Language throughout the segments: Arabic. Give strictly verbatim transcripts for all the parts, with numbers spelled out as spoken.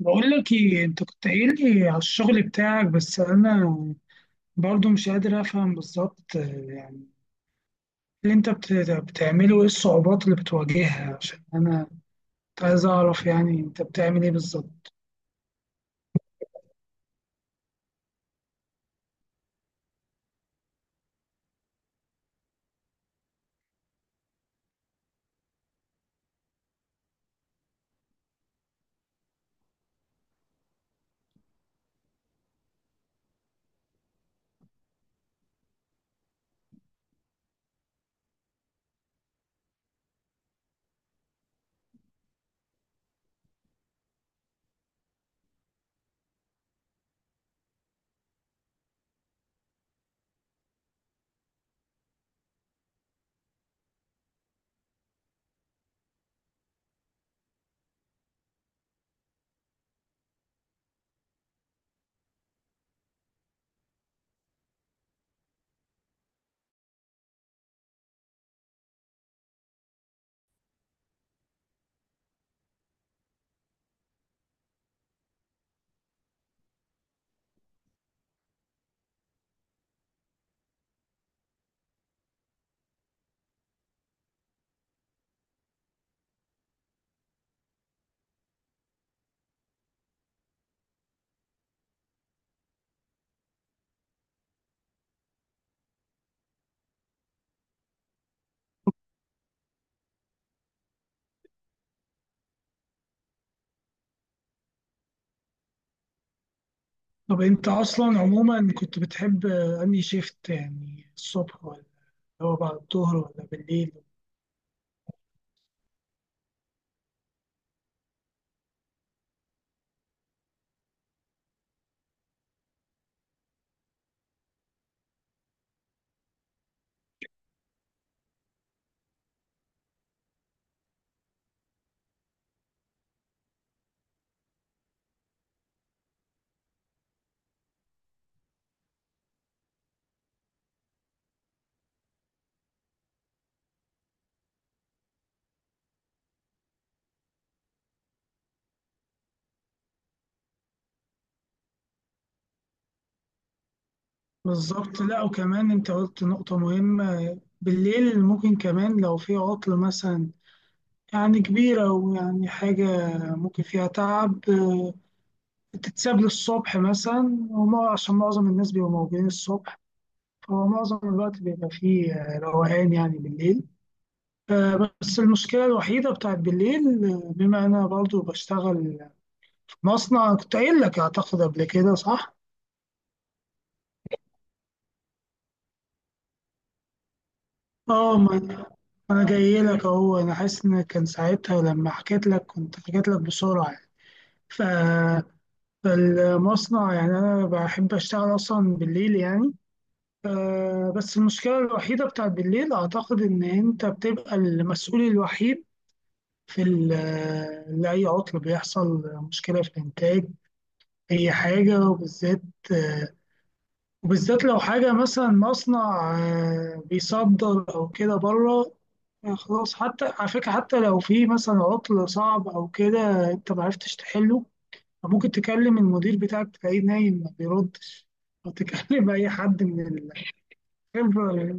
بقول لك ايه؟ انت كنت قايل لي على الشغل بتاعك، بس انا برضو مش قادر افهم بالظبط. آه، يعني اللي انت بت- بتعمله ايه؟ الصعوبات اللي بتواجهها؟ عشان انا كنت عايز اعرف يعني انت بتعمل ايه بالظبط. طب انت اصلا عموما كنت بتحب آه، انهي شيفت؟ يعني الصبح ولا هو بعد الظهر ولا بالليل؟ بالظبط. لا، وكمان انت قلت نقطة مهمة، بالليل ممكن كمان لو في عطل مثلا يعني كبيرة ويعني حاجة ممكن فيها تعب آه، بتتساب للصبح مثلا، وما عشان معظم الناس بيبقوا موجودين الصبح، فهو معظم الوقت بيبقى فيه آه، روقان يعني بالليل. آه، بس المشكلة الوحيدة بتاعت بالليل، آه، بما أنا برضو بشتغل في مصنع كنت قايل لك أعتقد قبل كده، صح؟ اه، ما أنا جاي لك أهو. أنا حاسس إن كان ساعتها لما حكيت لك كنت حكيت لك بسرعة يعني. ف المصنع يعني أنا بحب أشتغل أصلا بالليل يعني. آه، بس المشكلة الوحيدة بتاعت بالليل أعتقد إن أنت بتبقى المسؤول الوحيد في ال- آه، لأي عطل بيحصل، مشكلة في الإنتاج، أي حاجة. وبالذات آه، وبالذات لو حاجة مثلا مصنع آه، بيصدر أو كده بره. آه، خلاص، حتى على فكرة، حتى لو في مثلا عطل صعب أو كده أنت معرفتش تحله، فممكن تكلم المدير بتاعك تلاقيه نايم ما بيردش، أو تكلم أي حد من الخبرة.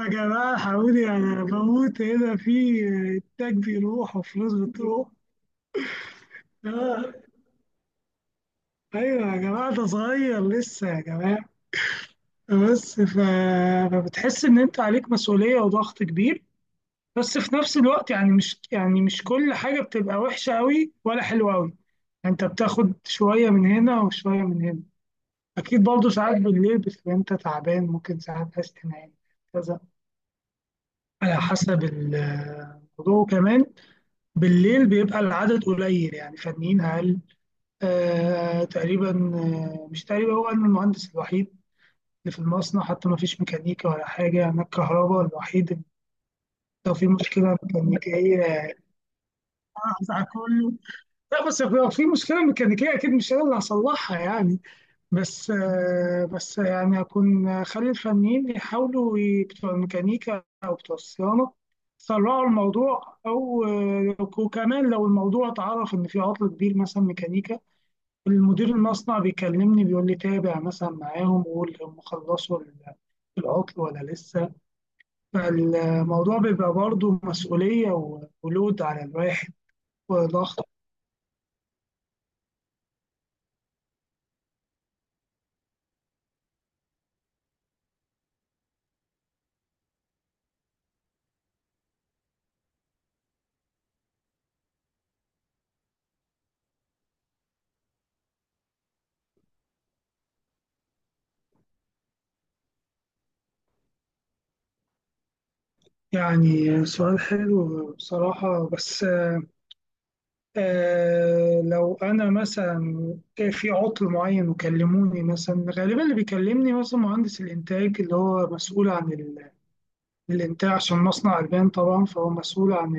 يا جماعة حاولي، يعني أنا بموت هنا، في إنتاج بيروح وفلوس بتروح. آه، أيوة يا جماعة، ده صغير لسه يا جماعة. بس ف... فبتحس إن أنت عليك مسؤولية وضغط كبير، بس في نفس الوقت يعني مش، يعني مش كل حاجة بتبقى وحشة أوي ولا حلوة أوي. يعني أنت بتاخد شوية من هنا وشوية من هنا. أكيد برضه ساعات بالليل بتبقى أنت تعبان، ممكن ساعات عايز تنام كذا، على حسب ال- الموضوع. وكمان بالليل بيبقى العدد قليل يعني، فنيين أقل. آه تقريبا. آه، مش تقريبا، هو أنا المهندس الوحيد اللي في المصنع، حتى ما فيش ميكانيكا ولا حاجة، أنا الكهرباء الوحيد اللي لو في مشكلة ميكانيكية هزعل كله. لا بس لو في مشكلة ميكانيكية أكيد مش أنا اللي هصلحها يعني. بس آه، بس يعني هكون خلي الفنيين يحاولوا ي- بتوع الميكانيكا أو بتوع الصيانة يسرعوا الموضوع. أو آه، وكمان لو الموضوع اتعرف إن في عطل كبير مثلا ميكانيكا، المدير المصنع بيكلمني بيقول لي تابع مثلا معاهم وقول هم خلصوا ال- العطل ولا لسه. فالموضوع بيبقى برضه مسؤولية و- ولود على الواحد وضغط. يعني سؤال حلو بصراحة. بس آه، لو انا مثلا في عطل معين وكلموني، مثلا غالبا اللي بيكلمني مثلا مهندس الانتاج اللي هو مسؤول عن ال- الانتاج، عشان مصنع البان طبعا، فهو مسؤول عن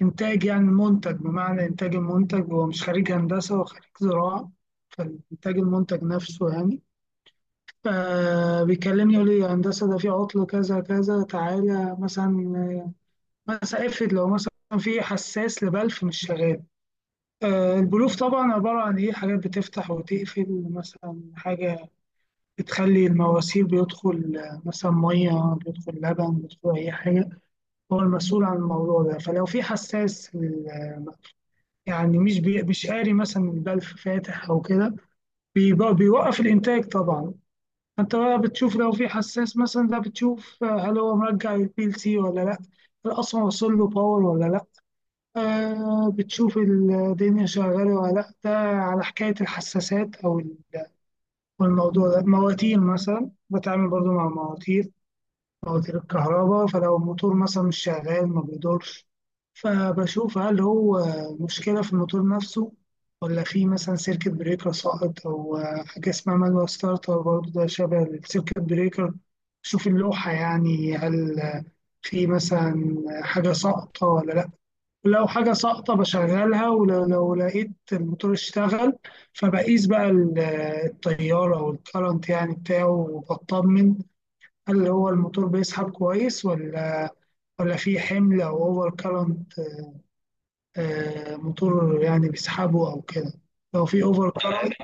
الانتاج يعني المنتج، بمعنى انتاج المنتج. هو مش خريج هندسه، هو خريج زراعه، فالانتاج المنتج نفسه يعني. فبيكلمني يقول لي يا هندسه ده في عطل كذا كذا، تعالى مثلا. مثلا افرض لو مثلا في حساس لبلف مش شغال. آه، البلوف طبعا عبارة عن إيه؟ حاجات بتفتح وتقفل، مثلا حاجة بتخلي المواسير بيدخل آه، مثلا مية، بيدخل لبن، بيدخل أي حاجة. هو المسؤول عن الموضوع ده. فلو في حساس لل- يعني مش بي... مش قاري مثلا البلف فاتح أو كده، بيبقى- بيوقف الإنتاج طبعا. أنت بقى بتشوف لو في حساس مثلا ده، بتشوف آه، هل هو مرجع البي ال سي ولا لأ، هل أصلا وصل له باور ولا لأ. آه، بتشوف الدنيا شغالة ولا لأ، ده على حكاية الحساسات أو ال- والموضوع ده مواتير، مثلا بتعامل برضو مع مواتير، مواتير الكهرباء. فلو الموتور مثلا مش شغال ما بيدورش، فبشوف هل هو مشكلة في الموتور نفسه، ولا في مثلا سيركت بريكر ساقط، أو آه، حاجة اسمها مانوال ستارتر برضو ده شبه السيركت بريكر. شوف اللوحة يعني، هل في مثلا حاجة ساقطة ولا لأ. ولو حاجة ساقطة بشغلها، ولو لو لقيت الموتور اشتغل، فبقيس بقى ال- التيار أو الكرنت يعني بتاعه، وبطمن هل هو الموتور بيسحب كويس، ولا ولا في حمل أو أوفر كرنت، موتور يعني بيسحبه أو كده. لو في أوفر كرنت.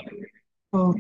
اه،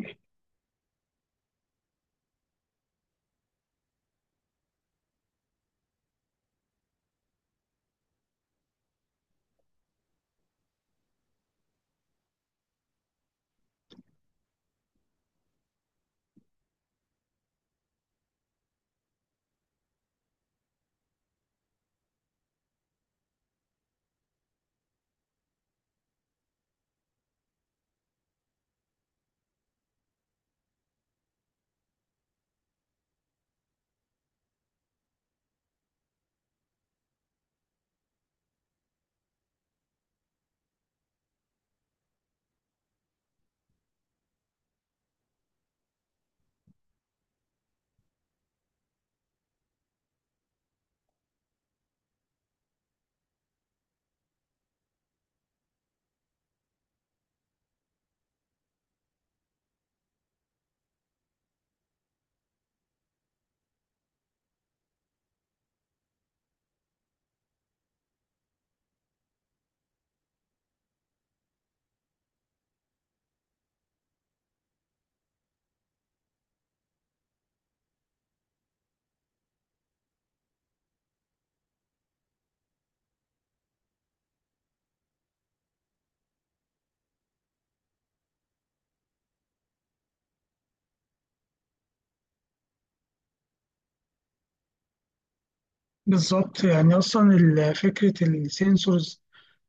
بالظبط. يعني أصلا ال- فكرة السنسورز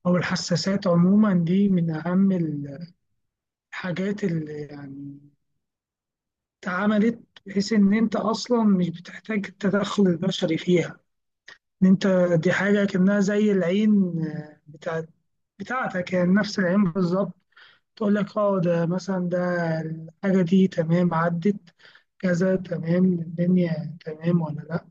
أو الحساسات عموما دي من أهم الحاجات اللي يعني اتعملت، بحيث ان انت اصلا مش بتحتاج التدخل البشري فيها. ان انت دي حاجه كانها زي العين، آه، بتاع بتاعتك يعني، نفس العين بالظبط، تقول لك اه ده مثلا، ده الحاجه دي تمام، عدت كذا تمام، الدنيا تمام ولا لا.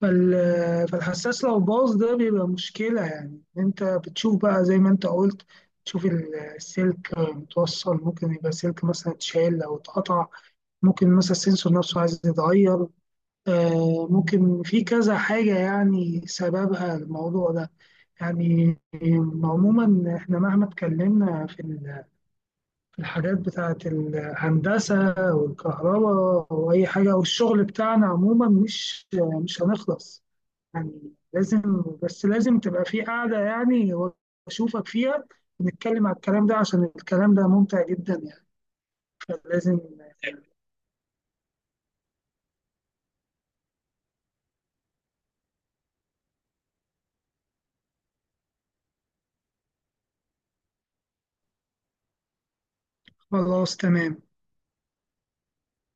فال- فالحساس لو باظ ده بيبقى مشكله، يعني إن انت بتشوف بقى زي ما انت قلت، تشوف ال- السلك متوصل، ممكن يبقى سلك مثلا اتشال او اتقطع، ممكن مثلا السنسور نفسه عايز يتغير. آه، ممكن في كذا حاجة يعني سببها الموضوع ده يعني. عموما احنا مهما اتكلمنا في ال- في الحاجات بتاعة الهندسة والكهرباء وأي حاجة والشغل بتاعنا عموما، مش مش هنخلص يعني. لازم، بس لازم تبقى في قاعدة يعني وأشوفك فيها ونتكلم على الكلام ده، عشان الكلام ده ممتع جدا يعني، فلازم. خلاص تمام.